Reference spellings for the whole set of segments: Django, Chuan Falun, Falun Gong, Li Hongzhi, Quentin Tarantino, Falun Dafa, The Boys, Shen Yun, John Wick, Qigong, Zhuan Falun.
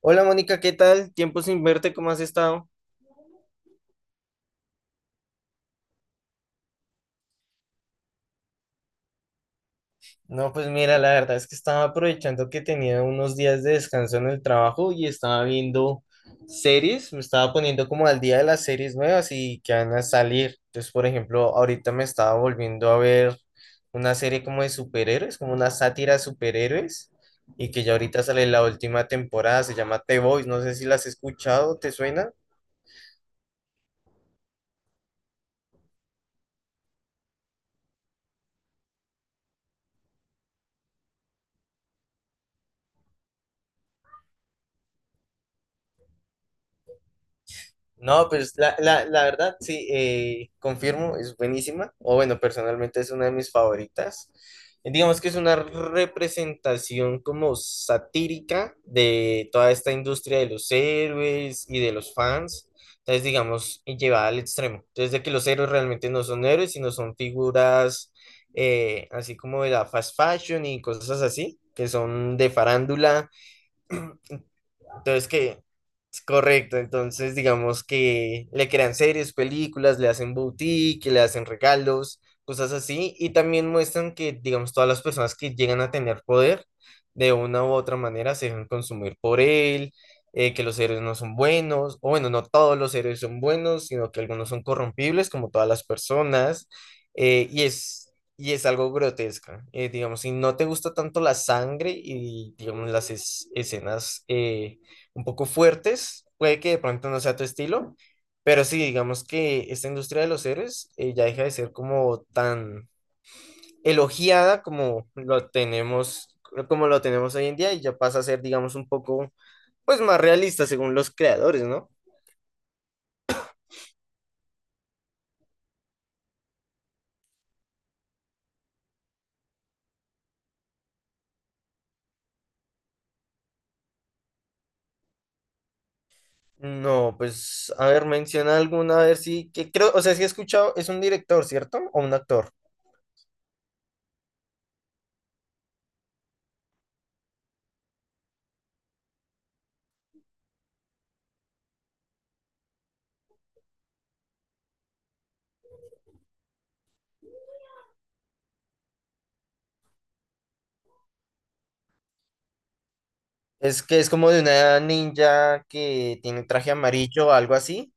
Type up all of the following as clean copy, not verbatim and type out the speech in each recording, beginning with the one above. Hola Mónica, ¿qué tal? Tiempo sin verte, ¿cómo has estado? No, pues mira, la verdad es que estaba aprovechando que tenía unos días de descanso en el trabajo y estaba viendo series, me estaba poniendo como al día de las series nuevas y que van a salir. Entonces, por ejemplo, ahorita me estaba volviendo a ver una serie como de superhéroes, como una sátira de superhéroes y que ya ahorita sale la última temporada, se llama The Boys, no sé si la has escuchado, ¿te suena? No, pues la verdad, sí, confirmo, es buenísima, o bueno, personalmente es una de mis favoritas. Digamos que es una representación como satírica de toda esta industria de los héroes y de los fans. Entonces, digamos, y llevada al extremo. Entonces, de que los héroes realmente no son héroes, sino son figuras, así como de la fast fashion y cosas así, que son de farándula, entonces, que es correcto. Entonces, digamos que le crean series, películas, le hacen boutique, le hacen regalos, cosas así. Y también muestran que, digamos, todas las personas que llegan a tener poder, de una u otra manera, se dejan consumir por él, que los héroes no son buenos, o bueno, no todos los héroes son buenos, sino que algunos son corrompibles, como todas las personas. Y es. Y es algo grotesca, digamos, si no te gusta tanto la sangre y, digamos, las escenas, un poco fuertes, puede que de pronto no sea tu estilo, pero sí, digamos que esta industria de los héroes, ya deja de ser como tan elogiada como lo tenemos hoy en día y ya pasa a ser, digamos, un poco, pues, más realista según los creadores, ¿no? No, pues, a ver, menciona alguna, a ver si, que creo, o sea, si he escuchado, es un director, ¿cierto? O un actor. Es que es como de una ninja que tiene traje amarillo o algo así.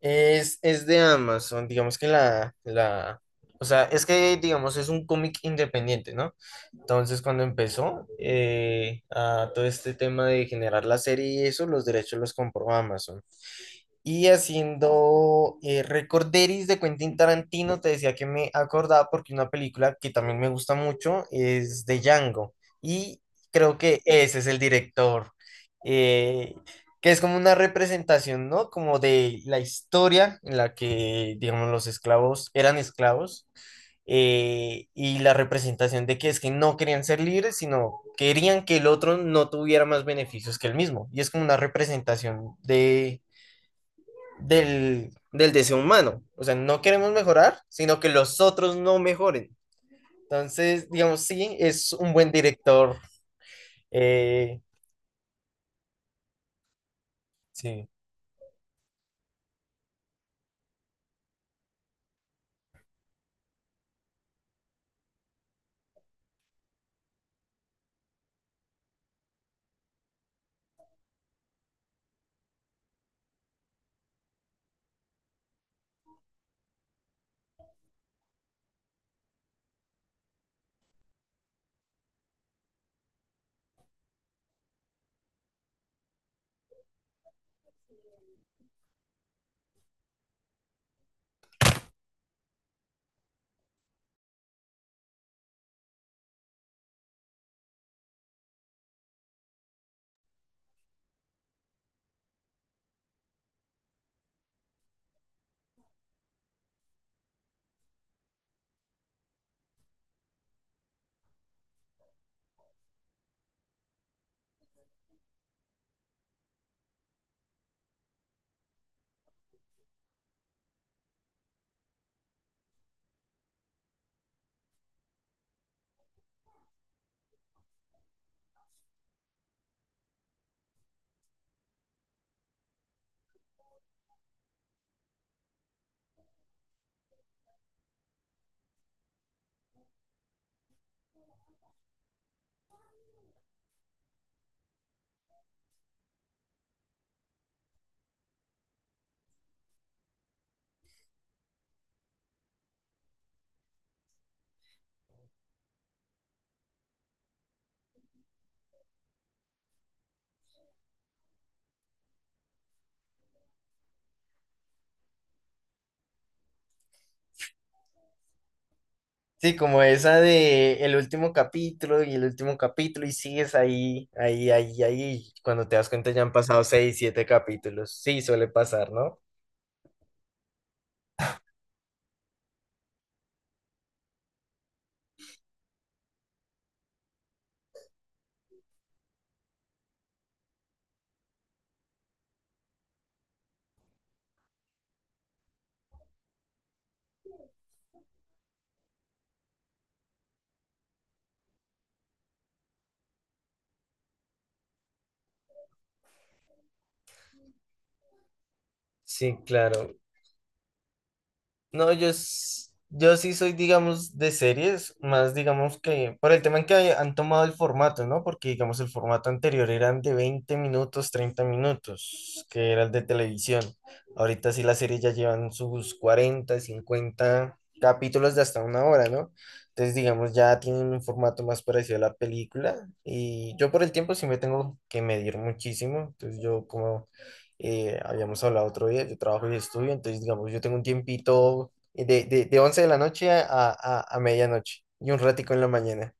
Es de Amazon, digamos que o sea, es que digamos es un cómic independiente, ¿no? Entonces, cuando empezó, a todo este tema de generar la serie y eso, los derechos los compró Amazon. Y haciendo, Recorderis de Quentin Tarantino, te decía que me acordaba porque una película que también me gusta mucho es de Django. Y creo que ese es el director, eh, que es como una representación, ¿no? Como de la historia en la que, digamos, los esclavos eran esclavos, y la representación de que es que no querían ser libres, sino querían que el otro no tuviera más beneficios que el mismo. Y es como una representación del deseo humano. O sea, no queremos mejorar, sino que los otros no mejoren. Entonces, digamos, sí, es un buen director. eh, sí. Sí, como esa de el último capítulo y el último capítulo y sigues ahí, ahí, ahí, ahí. Cuando te das cuenta ya han pasado seis, siete capítulos. Sí, suele pasar, ¿no? Sí, claro. No, yo sí soy, digamos, de series, más digamos que por el tema en que han tomado el formato, ¿no? Porque, digamos, el formato anterior eran de 20 minutos, 30 minutos, que era el de televisión. Ahorita sí las series ya llevan sus 40 50 capítulos de hasta una hora, ¿no? Entonces, digamos, ya tienen un formato más parecido a la película. Y yo por el tiempo sí me tengo que medir muchísimo. Entonces, yo como, habíamos hablado otro día, yo trabajo y estudio, entonces digamos, yo tengo un tiempito de 11 de la noche a, medianoche y un ratico en la mañana,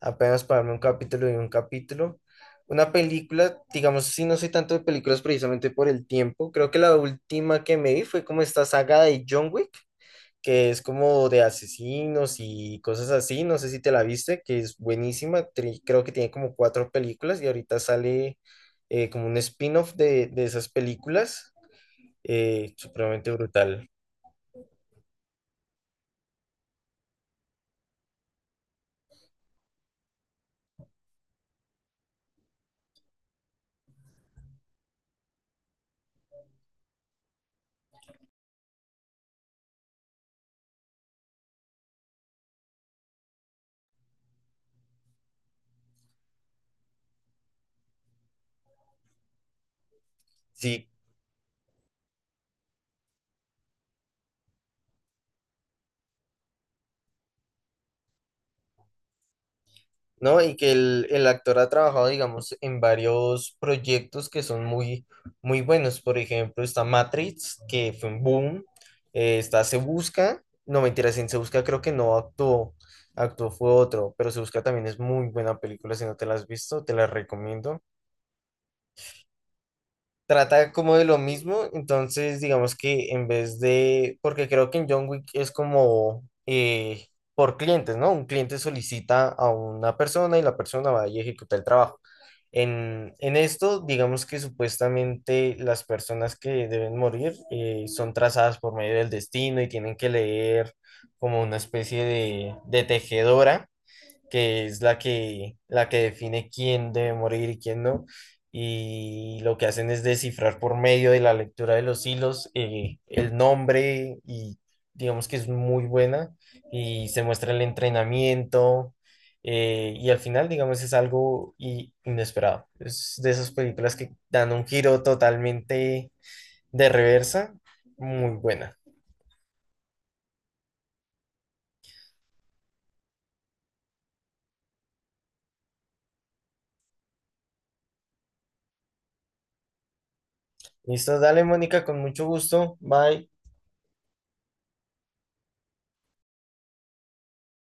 apenas para verme un capítulo y un capítulo. Una película, digamos, sí, no soy tanto de películas precisamente por el tiempo, creo que la última que me vi fue como esta saga de John Wick, que es como de asesinos y cosas así. No sé si te la viste, que es buenísima. Creo que tiene como cuatro películas y ahorita sale, como un spin-off de esas películas. Supremamente brutal. Sí, ¿no? Y que el actor ha trabajado, digamos, en varios proyectos que son muy, muy buenos. Por ejemplo, está Matrix, que fue un boom. Está Se Busca. No, mentiras, en Se Busca creo que no actuó. Actuó fue otro, pero Se Busca también es muy buena película. Si no te la has visto, te la recomiendo. Trata como de lo mismo, entonces digamos que en vez de, porque creo que en John Wick es como, por clientes, ¿no? Un cliente solicita a una persona y la persona va a ejecutar el trabajo. En esto, digamos que supuestamente las personas que deben morir, son trazadas por medio del destino y tienen que leer como una especie de tejedora que es la que define quién debe morir y quién no. Y lo que hacen es descifrar por medio de la lectura de los hilos, el nombre y digamos que es muy buena y se muestra el entrenamiento, y al final digamos es algo inesperado. Es de esas películas que dan un giro totalmente de reversa, muy buena. Listo, dale Mónica, con mucho gusto. Bye.